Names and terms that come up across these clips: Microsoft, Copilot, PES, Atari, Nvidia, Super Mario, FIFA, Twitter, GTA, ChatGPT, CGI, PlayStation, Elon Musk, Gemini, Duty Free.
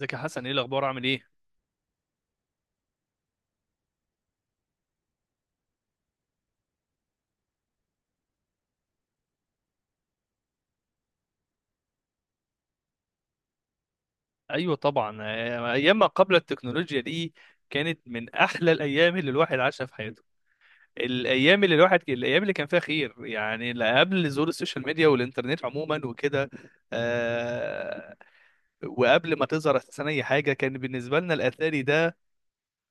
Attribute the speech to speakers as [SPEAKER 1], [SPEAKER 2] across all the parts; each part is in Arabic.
[SPEAKER 1] ازيك يا حسن، ايه الاخبار، عامل ايه؟ ايوه طبعا، ايام ما قبل التكنولوجيا دي كانت من احلى الايام اللي الواحد عاشها في حياته. الايام اللي كان فيها خير. يعني لا، قبل ظهور السوشيال ميديا والانترنت عموما وكده. آه وقبل ما تظهر اساسا اي حاجه، كان بالنسبه لنا الاتاري ده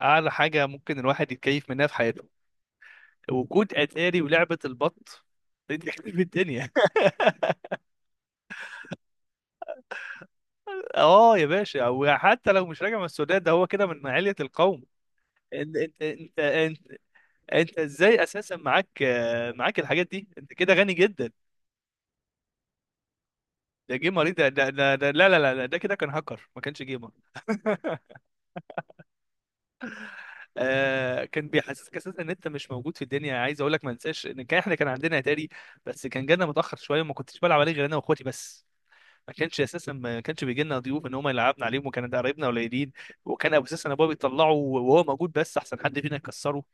[SPEAKER 1] اعلى حاجه ممكن الواحد يتكيف منها في حياته. وجود اتاري ولعبه البط دي تخرب الدنيا. اه يا باشا، وحتى لو مش راجع من السودان ده هو كده من علية القوم. انت انت انت انت, انت ازاي اساسا معاك، معاك الحاجات دي؟ انت كده غني جدا. ده جيمر ايه؟ لا لا لا لا، ده كده كان هاكر، ما كانش جيمر. كان بيحسسك اساسا ان انت مش موجود في الدنيا. عايز اقول لك ما انساش ان كان احنا كان عندنا اتاري، بس كان جانا متاخر شويه وما كنتش بلعب عليه غير انا واخواتي بس. ما كانش اساسا، ما كانش بيجي لنا ضيوف ان هم يلعبنا عليهم، وكان ده قرايبنا قليلين. وكان ابو اساسا ابويا بيطلعه وهو موجود، بس احسن حد فينا يكسره.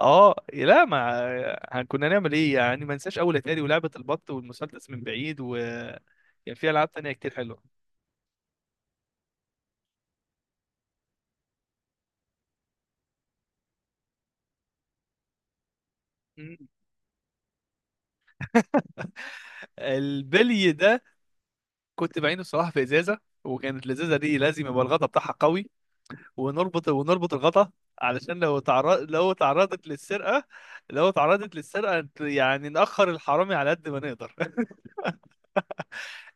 [SPEAKER 1] اه لا، ما كنا نعمل ايه يعني؟ ما انساش اول اتاري ولعبه البط والمسدس من بعيد، وكان في العاب تانية كتير حلوه. مم. البلي ده كنت بعينه الصراحه في ازازه، وكانت الازازه دي لازم يبقى الغطا بتاعها قوي. ونربط ونربط الغطا علشان لو تعرضت للسرقه. يعني ناخر الحرامي على قد ما نقدر.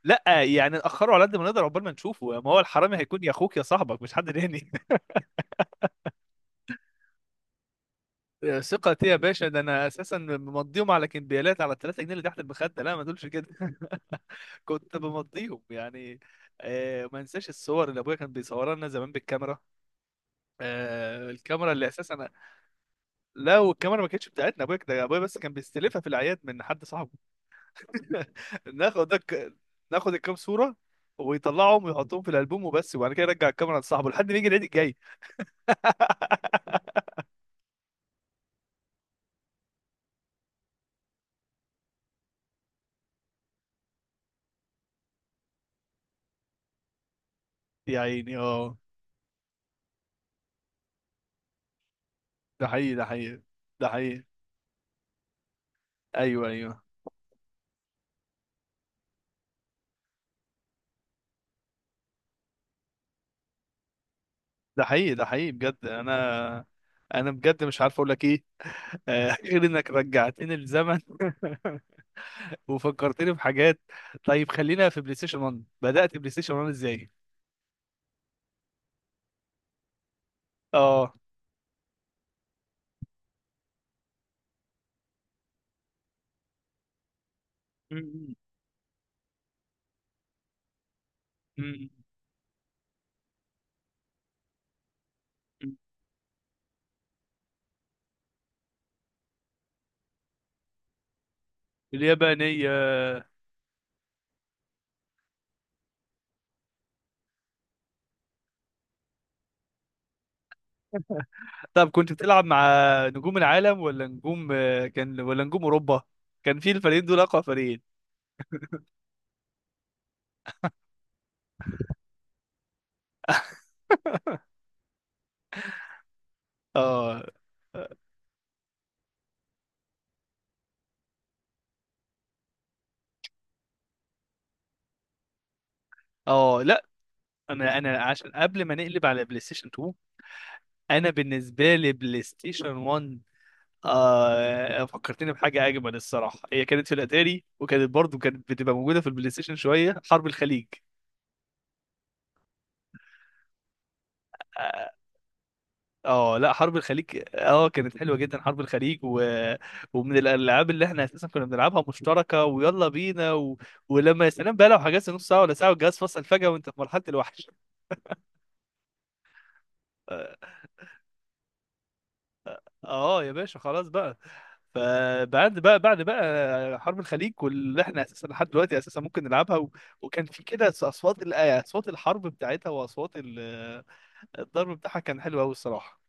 [SPEAKER 1] لا يعني ناخره على قد ما نقدر عقبال ما نشوفه. ما هو الحرامي هيكون يا اخوك يا صاحبك، مش حد تاني. ثقتي يا باشا، ده انا اساسا بمضيهم على كمبيالات على 3 جنيه اللي تحت المخده. لا ما تقولش كده. كنت بمضيهم يعني. آه، ما انساش الصور اللي ابويا كان بيصورها لنا زمان بالكاميرا. الكاميرا اللي اساسا، لو الكاميرا ما كانتش بتاعتنا، ابويا ده، ابويا بس كان بيستلفها في الاعياد من حد صاحبه. ناخد دك... ناخد الكام صوره، ويطلعهم ويحطهم في الالبوم وبس، وبعد كده يرجع الكاميرا لصاحبه لحد ما يجي العيد الجاي. يا عيني اه. ده حقيقي، ده حقيقي، ده حقيقي. ايوه ايوه، ده حقيقي، ده حقيقي بجد. انا بجد مش عارف اقول لك ايه. غير انك رجعتني للزمن وفكرتني بحاجات. طيب، خلينا في بلاي ستيشن 1. بدأت بلاي ستيشن 1 ازاي؟ اه. م- م- م- م. اليابانية. طب كنت بتلعب مع نجوم العالم ولا نجوم، آه، كان ولا نجوم اوروبا؟ كان في الفريقين دول اقوى فريقين. اه اه. لا، انا عشان قبل ما نقلب على بلاي ستيشن 2، انا بالنسبه لي بلاي ستيشن 1. فكرتني بحاجة أجمل. الصراحة هي كانت في الأتاري، وكانت برضو كانت بتبقى موجودة في البلاي ستيشن: شوية حرب الخليج. آه لا، حرب الخليج كانت حلوة جدا. حرب الخليج، و... ومن الألعاب اللي إحنا أساسا كنا بنلعبها مشتركة ويلا بينا. و... ولما يا سلام بقى، لو حجزت نص ساعة ولا ساعة والجهاز فصل فجأة وأنت في مرحلة الوحش. آه، اه يا باشا، خلاص بقى. فبعد بقى، بعد بقى حرب الخليج، واللي احنا اساسا لحد دلوقتي اساسا ممكن نلعبها. و... وكان في كده اصوات اصوات الحرب بتاعتها واصوات ال... الضرب بتاعها، كان حلو قوي الصراحه.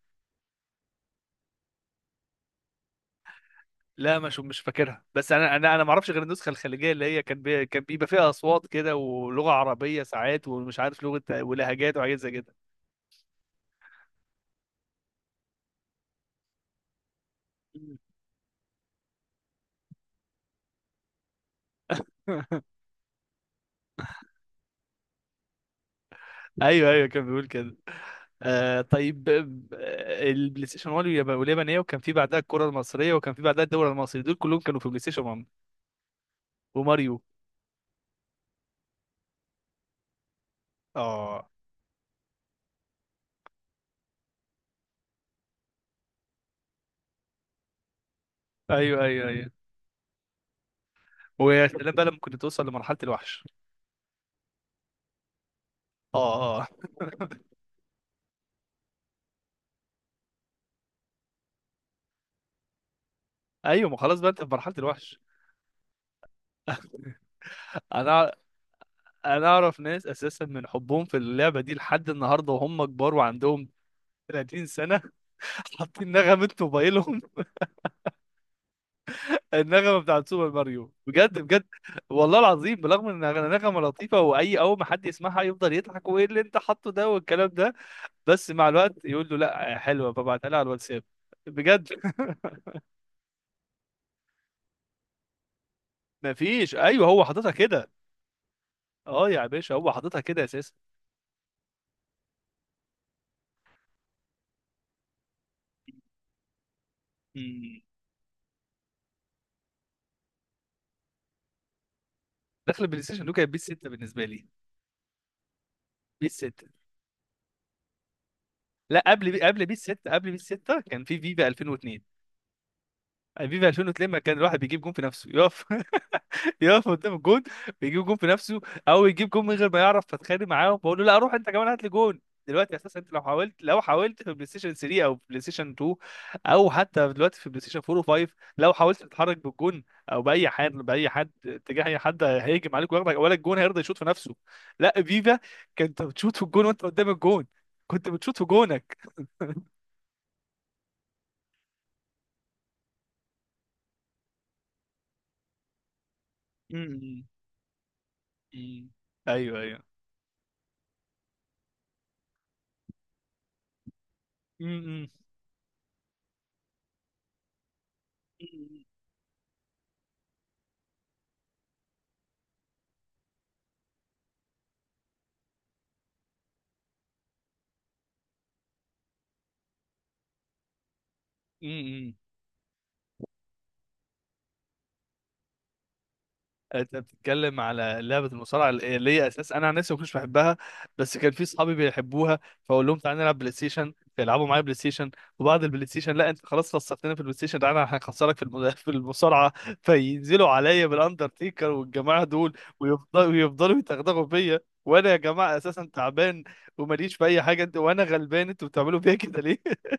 [SPEAKER 1] لا، مش فاكرها، بس انا ما اعرفش غير النسخه الخليجيه، اللي هي كان بيبقى فيها اصوات كده ولغه عربيه ساعات، ومش عارف لغه ولهجات وحاجات زي كده. ايوه ايوه، كان بيقول كده. البلاي ستيشن 1 يبقى واليابانيه، وكان في بعدها الكره المصريه، وكان في بعدها الدوري المصري، دول كلهم كانوا في بلاي ستيشن 1 وماريو. اه. ايوه ايوه ايوه. ويا سلام بقى لما كنت توصل لمرحله الوحش. اه اه. ايوه، ما خلاص بقى انت في مرحله الوحش. انا اعرف ناس اساسا من حبهم في اللعبه دي لحد النهارده، وهم كبار وعندهم 30 سنه، حاطين نغمه موبايلهم النغمه بتاعت سوبر ماريو. بجد بجد، والله العظيم. بالرغم ان النغمه لطيفه، واي اول ما حد يسمعها يفضل يضحك: وايه اللي انت حاطه ده والكلام ده، بس مع الوقت يقول له لا حلوه فبعتها لها على الواتساب. بجد. مفيش، ايوه، هو حاططها كده. اه يا باشا، هو حاططها كده اساسا. مم. دخل البلاي ستيشن دول كانت بيس 6 بالنسبه لي. بيس 6. لا، قبل بيس 6، كان في فيفا 2002 لما كان الواحد بيجيب جون في نفسه يقف. يقف قدام الجون، بيجيب جون في نفسه، او يجيب جون من غير ما يعرف فاتخانق معاهم، فاقول له لا روح انت كمان هات لي جون. دلوقتي اساسا انت لو حاولت في بلاي ستيشن 3 او بلاي ستيشن 2، او حتى دلوقتي في بلاي ستيشن 4 و5، لو حاولت تتحرك بالجون او باي حد اتجاه اي حد، هيهجم عليك وياخدك، ولا الجون هيرضى يشوط في نفسه. لا، فيفا كنت بتشوط في الجون وانت قدام الجون، كنت بتشوط في جونك. م- م- م. ايوه ايوه. م- م. امم. انت بتتكلم على لعبه المصارعه اللي هي اساس انا عن نفسي ما كنتش بحبها، بس كان في اصحابي بيحبوها، فاقول لهم تعالى نلعب بلاي ستيشن، فيلعبوا معايا بلاي ستيشن، وبعد البلاي ستيشن: لا انت خلاص خسرتنا في البلاي ستيشن، تعالى هنخسرك في في المصارعه. فينزلوا عليا بالاندرتيكر والجماعه دول، ويفضلوا ويفضلوا يتغدغوا فيا، وانا يا جماعه اساسا تعبان وماليش في اي حاجه، انت وانا غلبان، انتوا بتعملوا فيا كده ليه؟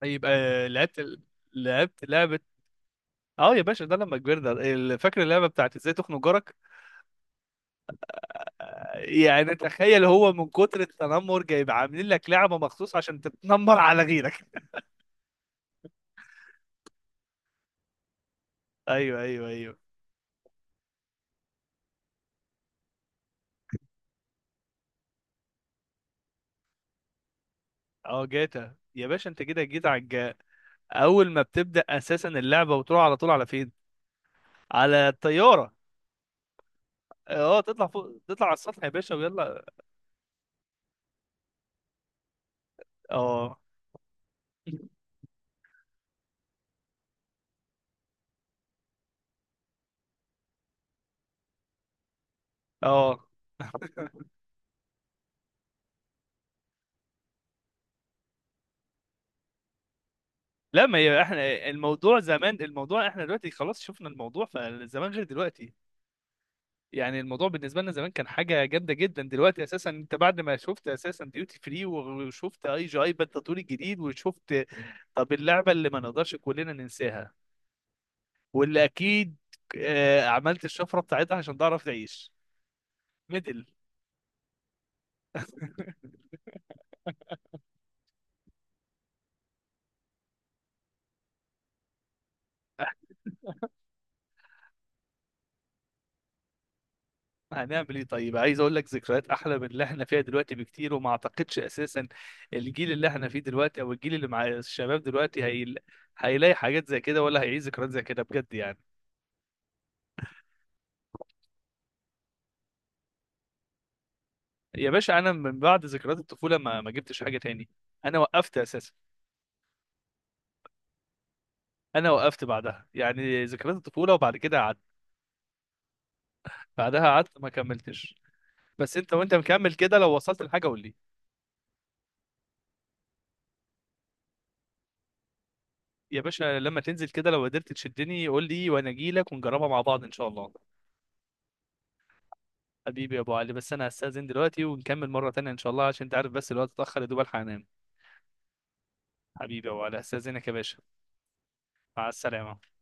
[SPEAKER 1] طيب، لعبت لعبه. اه يا باشا، ده لما كبرنا فاكر اللعبه بتاعت ازاي تخنق جارك؟ يعني تخيل، هو من كتر التنمر جايب عاملين لك لعبه مخصوص عشان تتنمر على غيرك. ايوه ايوه ايوه. اه، جاتا يا باشا، انت كده جيت على الجا. اول ما بتبدا اساسا اللعبه وتروح على طول على فين؟ على الطياره. اه، تطلع فوق، تطلع على السطح يا باشا، ويلا. اه اه. لا، ما هي احنا الموضوع زمان، الموضوع احنا دلوقتي خلاص شفنا، الموضوع فزمان غير دلوقتي. يعني الموضوع بالنسبه لنا زمان كان حاجه جامده جدا، دلوقتي اساسا انت بعد ما شفت اساسا ديوتي فري، وشفت اي جي اي بالتطوير الجديد وشفت. طب اللعبه اللي ما نقدرش كلنا ننساها، واللي اكيد عملت الشفره بتاعتها عشان تعرف تعيش: ميدل. هنعمل ايه طيب؟ عايز اقول لك ذكريات احلى من اللي احنا فيها دلوقتي بكتير، وما اعتقدش اساسا الجيل اللي احنا فيه دلوقتي او الجيل اللي مع الشباب دلوقتي، هي... هيلاقي حاجات زي كده ولا هيعيش ذكريات زي كده بجد يعني. يا باشا، انا من بعد ذكريات الطفوله ما جبتش حاجه تاني. انا وقفت اساسا. انا وقفت بعدها، يعني ذكريات الطفوله وبعد كده قعدت بعدها، قعدت ما كملتش. بس انت وانت مكمل كده، لو وصلت لحاجه قول لي. يا باشا، لما تنزل كده لو قدرت تشدني قول لي، وانا اجي لك ونجربها مع بعض ان شاء الله. حبيبي يا ابو علي، بس انا هستاذن دلوقتي ونكمل مره تانية ان شاء الله، عشان انت عارف بس الوقت اتاخر، يا دوب الحق انام. حبيبي يا ابو علي، هستاذنك يا باشا. مع السلامه.